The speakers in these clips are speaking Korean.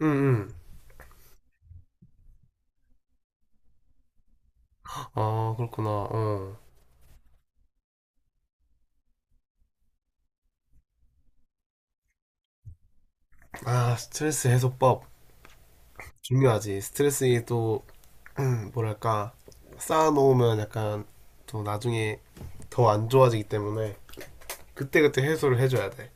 응, 응. 아, 그렇구나. 어. 아, 스트레스 해소법. 중요하지. 스트레스에 또, 뭐랄까, 쌓아놓으면 약간 또 나중에 더 안 좋아지기 때문에 그때그때 해소를 해줘야 돼.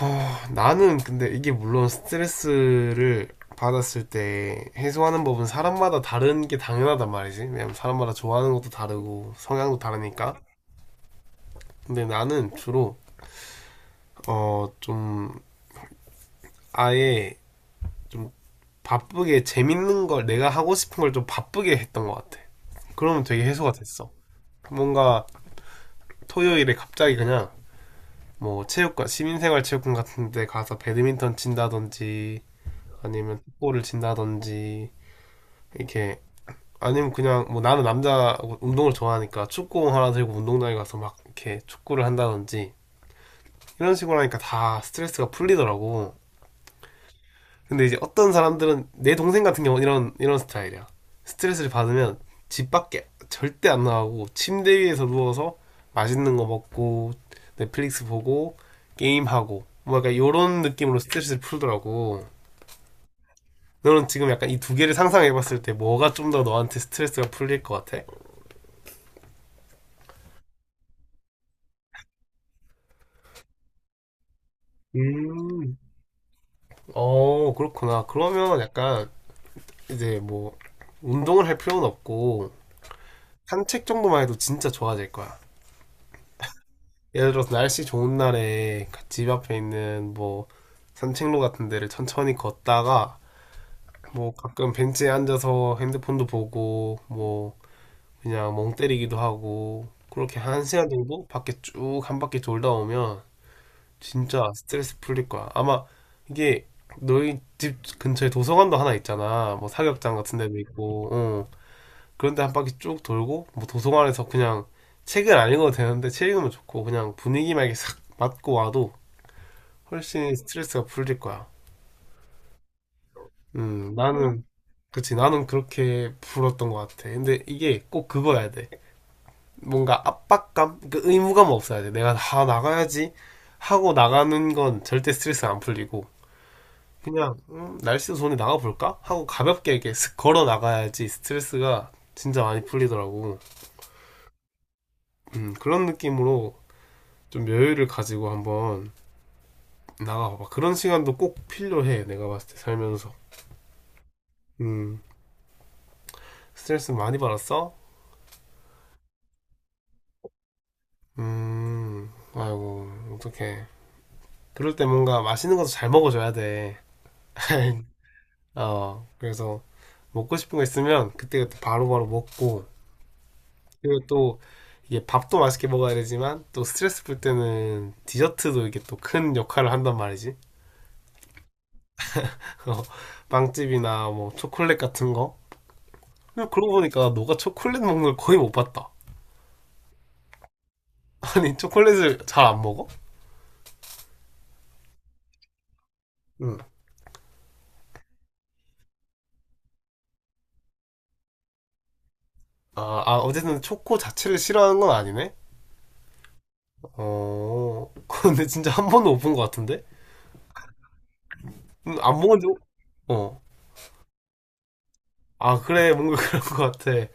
허, 나는 근데 이게 물론 스트레스를 받았을 때 해소하는 법은 사람마다 다른 게 당연하단 말이지. 왜냐면 사람마다 좋아하는 것도 다르고 성향도 다르니까. 근데 나는 주로, 어, 좀 아예 좀 바쁘게 재밌는 걸 내가 하고 싶은 걸 좀 바쁘게 했던 것 같아. 그러면 되게 해소가 됐어. 뭔가 토요일에 갑자기 그냥 뭐 체육관, 시민생활 체육관 같은 데 가서 배드민턴 친다든지 아니면 축구를 친다든지 이렇게 아니면 그냥 뭐 나는 남자 운동을 좋아하니까 축구공 하나 들고 운동장에 가서 막 이렇게 축구를 한다든지 이런 식으로 하니까 다 스트레스가 풀리더라고. 근데 이제 어떤 사람들은 내 동생 같은 경우는 이런 스타일이야. 스트레스를 받으면 집 밖에 절대 안 나가고 침대 위에서 누워서 맛있는 거 먹고 넷플릭스 보고 게임하고 뭐 약간 요런 느낌으로 스트레스를 풀더라고. 너는 지금 약간 이 두 개를 상상해봤을 때 뭐가 좀 더 너한테 스트레스가 풀릴 것 같아? 음, 어, 그렇구나. 그러면 약간 이제 뭐 운동을 할 필요는 없고 산책 정도만 해도 진짜 좋아질 거야. 예를 들어서 날씨 좋은 날에 집 앞에 있는 뭐 산책로 같은 데를 천천히 걷다가 뭐 가끔 벤치에 앉아서 핸드폰도 보고 뭐 그냥 멍 때리기도 하고 그렇게 한 시간 정도 밖에 쭉 한 바퀴 돌다 오면 진짜 스트레스 풀릴 거야. 아마 이게 너희 집 근처에 도서관도 하나 있잖아. 뭐 사격장 같은 데도 있고, 어. 그런데 한 바퀴 쭉 돌고 뭐 도서관에서 그냥 책은 안 읽어도 되는데 책 읽으면 좋고 그냥 분위기만 이렇게 싹 맞고 와도 훨씬 스트레스가 풀릴 거야. 나는, 그치, 나는 그렇게 풀었던 것 같아. 근데 이게 꼭 그거야 돼. 뭔가 압박감? 그 의무감 없어야 돼. 내가 다 나가야지 하고 나가는 건 절대 스트레스 안 풀리고, 그냥, 날씨 좋은데 나가볼까? 하고 가볍게 이렇게 슥 걸어 나가야지 스트레스가 진짜 많이 풀리더라고. 그런 느낌으로 좀 여유를 가지고 한번 나가봐봐. 그런 시간도 꼭 필요해. 내가 봤을 때 살면서. 음, 스트레스 많이 받았어? 아이고, 어떡해. 그럴 때 뭔가 맛있는 것도 잘 먹어줘야 돼. 어, 그래서 먹고 싶은 거 있으면 그때그때 바로바로 먹고, 그리고 또 이게 밥도 맛있게 먹어야 되지만, 또 스트레스 풀 때는 디저트도 이게 또 큰 역할을 한단 말이지. 어, 빵집이나 뭐 초콜릿 같은 거. 근데 그러고 보니까 너가 초콜릿 먹는 걸 거의 못 봤다. 아니, 초콜릿을 잘 안 먹어? 응. 아, 아, 어쨌든 초코 자체를 싫어하는 건 아니네. 어, 근데 진짜 한 번도 못 본 것 같은데? 안 먹은 지, 어. 아, 그래, 뭔가 그런 것 같아.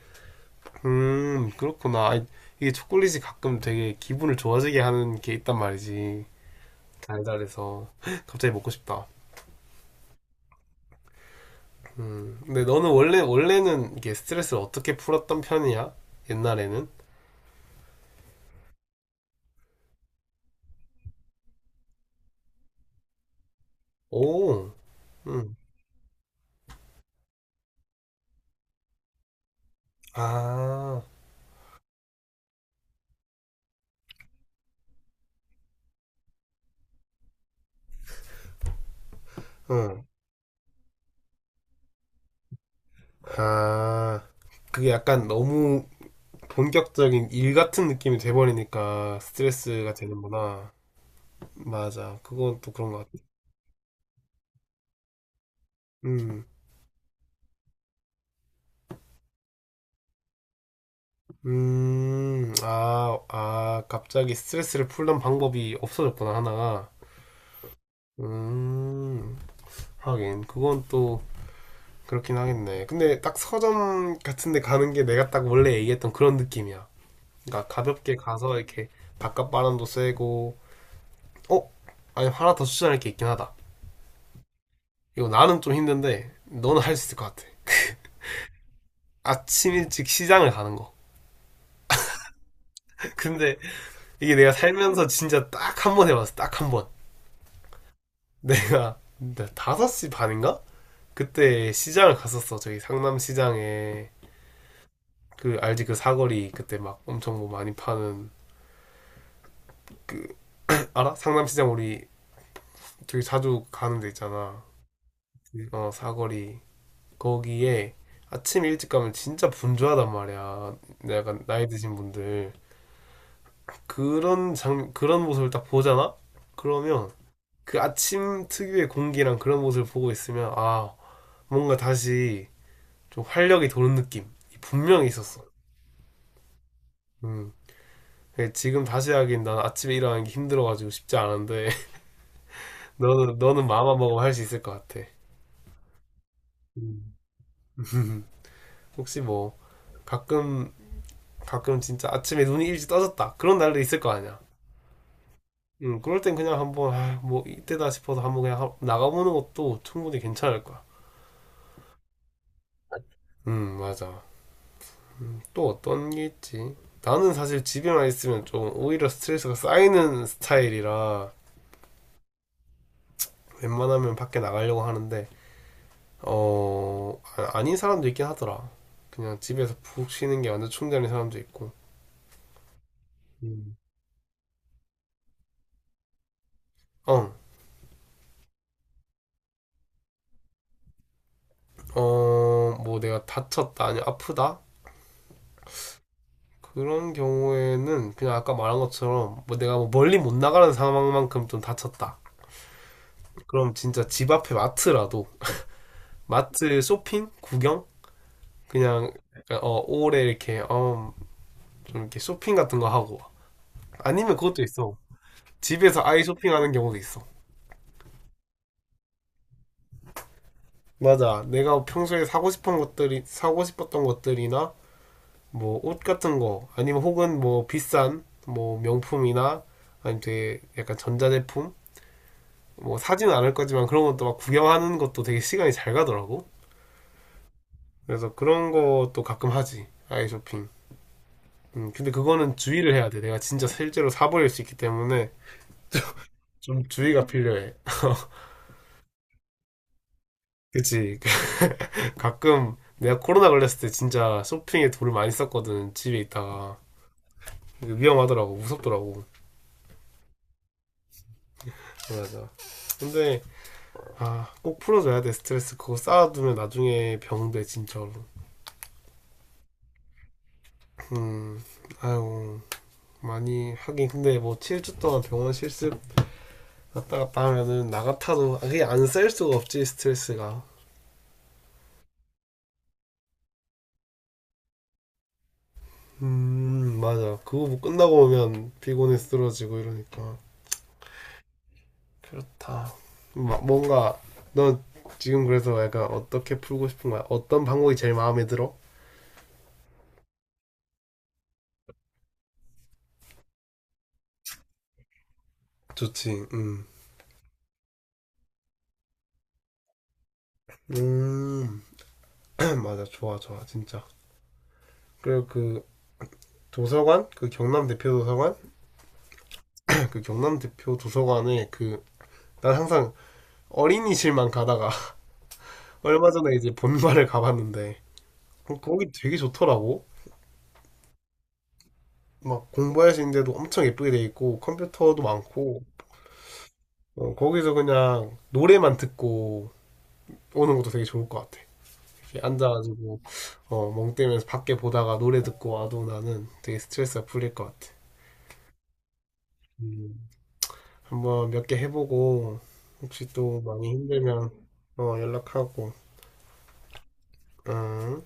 그렇구나. 아니, 이게 초콜릿이 가끔 되게 기분을 좋아지게 하는 게 있단 말이지. 달달해서. 갑자기 먹고 싶다. 근데 너는 원래는 이게 스트레스를 어떻게 풀었던 편이야? 옛날에는? 오, 음. 아, 응. 아, 그게 약간 너무 본격적인 일 같은 느낌이 돼버리니까 스트레스가 되는구나. 맞아. 그건 또 그런 것 같아. 음, 아, 아, 갑자기 스트레스를 풀던 방법이 없어졌구나, 하나가. 음, 하긴. 그건 또 그렇긴 하겠네. 근데 딱 서점 같은 데 가는 게 내가 딱 원래 얘기했던 그런 느낌이야. 그러니까 가볍게 가서 이렇게 바깥 바람도 쐬고, 어? 아니, 하나 더 추천할 게 있긴 하다. 이거 나는 좀 힘든데, 너는 할 수 있을 것 같아. 아침 일찍 시장을 가는 거. 근데 이게 내가 살면서 진짜 딱 한 번 해봤어. 딱 한 번. 내가 다섯시 반인가? 그때 시장을 갔었어. 저기 상남 시장에 그 알지 그 사거리 그때 막 엄청 뭐 많이 파는 그 알아? 상남 시장 우리 되게 자주 가는 데 있잖아. 어 사거리 거기에 아침 일찍 가면 진짜 분주하단 말이야. 약간 나이 드신 분들 그런 장 그런 모습을 딱 보잖아. 그러면 그 아침 특유의 공기랑 그런 모습을 보고 있으면 아 뭔가 다시 좀 활력이 도는 느낌 분명히 있었어. 음. 그 지금 다시 하긴 난 아침에 일어나는 게 힘들어가지고 쉽지 않은데 너는 마음만 먹으면 할 수 있을 것 같아. 음. 혹시 뭐 가끔 가끔 진짜 아침에 눈이 일찍 떠졌다 그런 날도 있을 거 아니야. 그럴 땐 그냥 한번 아, 뭐 이때다 싶어서 한번 그냥 나가보는 것도 충분히 괜찮을 거야. 맞아. 또 어떤 게 있지? 나는 사실 집에만 있으면 좀 오히려 스트레스가 쌓이는 스타일이라 웬만하면 밖에 나가려고 하는데 어 아- 닌 사람도 있긴 하더라. 그냥 집에서 푹 쉬는 게 완전 충전인 사람도 있고. 음. 어, 어, 뭐 내가 다쳤다, 아니 아프다? 그런 경우에는 그냥 아까 말한 것처럼 뭐 내가 뭐 멀리 못 나가는 상황만큼 좀 다쳤다. 그럼 진짜 집 앞에 마트라도 마트 쇼핑? 구경? 그냥 약간, 어 오래 이렇게 어, 좀 이렇게 쇼핑 같은 거 하고 아니면 그것도 있어 집에서 아이 쇼핑하는 경우도 있어 맞아 내가 평소에 사고 싶은 것들이 사고 싶었던 것들이나 뭐 옷 같은 거 아니면 혹은 뭐 비싼 뭐 명품이나 아니면 되게 약간 전자제품 뭐 사지는 않을 거지만 그런 것도 막 구경하는 것도 되게 시간이 잘 가더라고 그래서 그런 것도 가끔 하지 아이 쇼핑 근데 그거는 주의를 해야 돼 내가 진짜 실제로 사버릴 수 있기 때문에 좀 주의가 필요해. 그치. 가끔 내가 코로나 걸렸을 때 진짜 쇼핑에 돈을 많이 썼거든. 집에 있다가. 위험하더라고. 무섭더라고. 맞아. 근데, 아, 꼭 풀어줘야 돼, 스트레스. 그거 쌓아두면 나중에 병돼, 진짜로. 음, 아유, 많이 하긴. 근데 뭐 7주 동안 병원 실습 왔다 갔다 하면은 나 같아도 그게 안 쌓일 수가 없지, 스트레스가. 맞아. 그거 뭐 끝나고 오면 피곤해 쓰러지고 이러니까. 그렇다. 뭔가 넌 지금 그래서 약간 어떻게 풀고 싶은 거야? 어떤 방법이 제일 마음에 들어? 좋지. 음. 음. 맞아. 좋아, 좋아. 진짜. 그리고 그 도서관, 그 경남 대표 도서관, 그 경남 대표 도서관에 그 난 항상 어린이실만 가다가 얼마 전에 이제 본관을 가봤는데 어, 거기 되게 좋더라고. 막 공부할 수 있는 데도 엄청 예쁘게 돼 있고 컴퓨터도 많고 어, 거기서 그냥 노래만 듣고 오는 것도 되게 좋을 것 같아. 이렇게 앉아가지고 어, 멍 때면서 밖에 보다가 노래 듣고 와도 나는 되게 스트레스가 풀릴 것 같아. 음, 한번 몇 개 해보고 혹시 또 많이 힘들면 어, 연락하고. 음.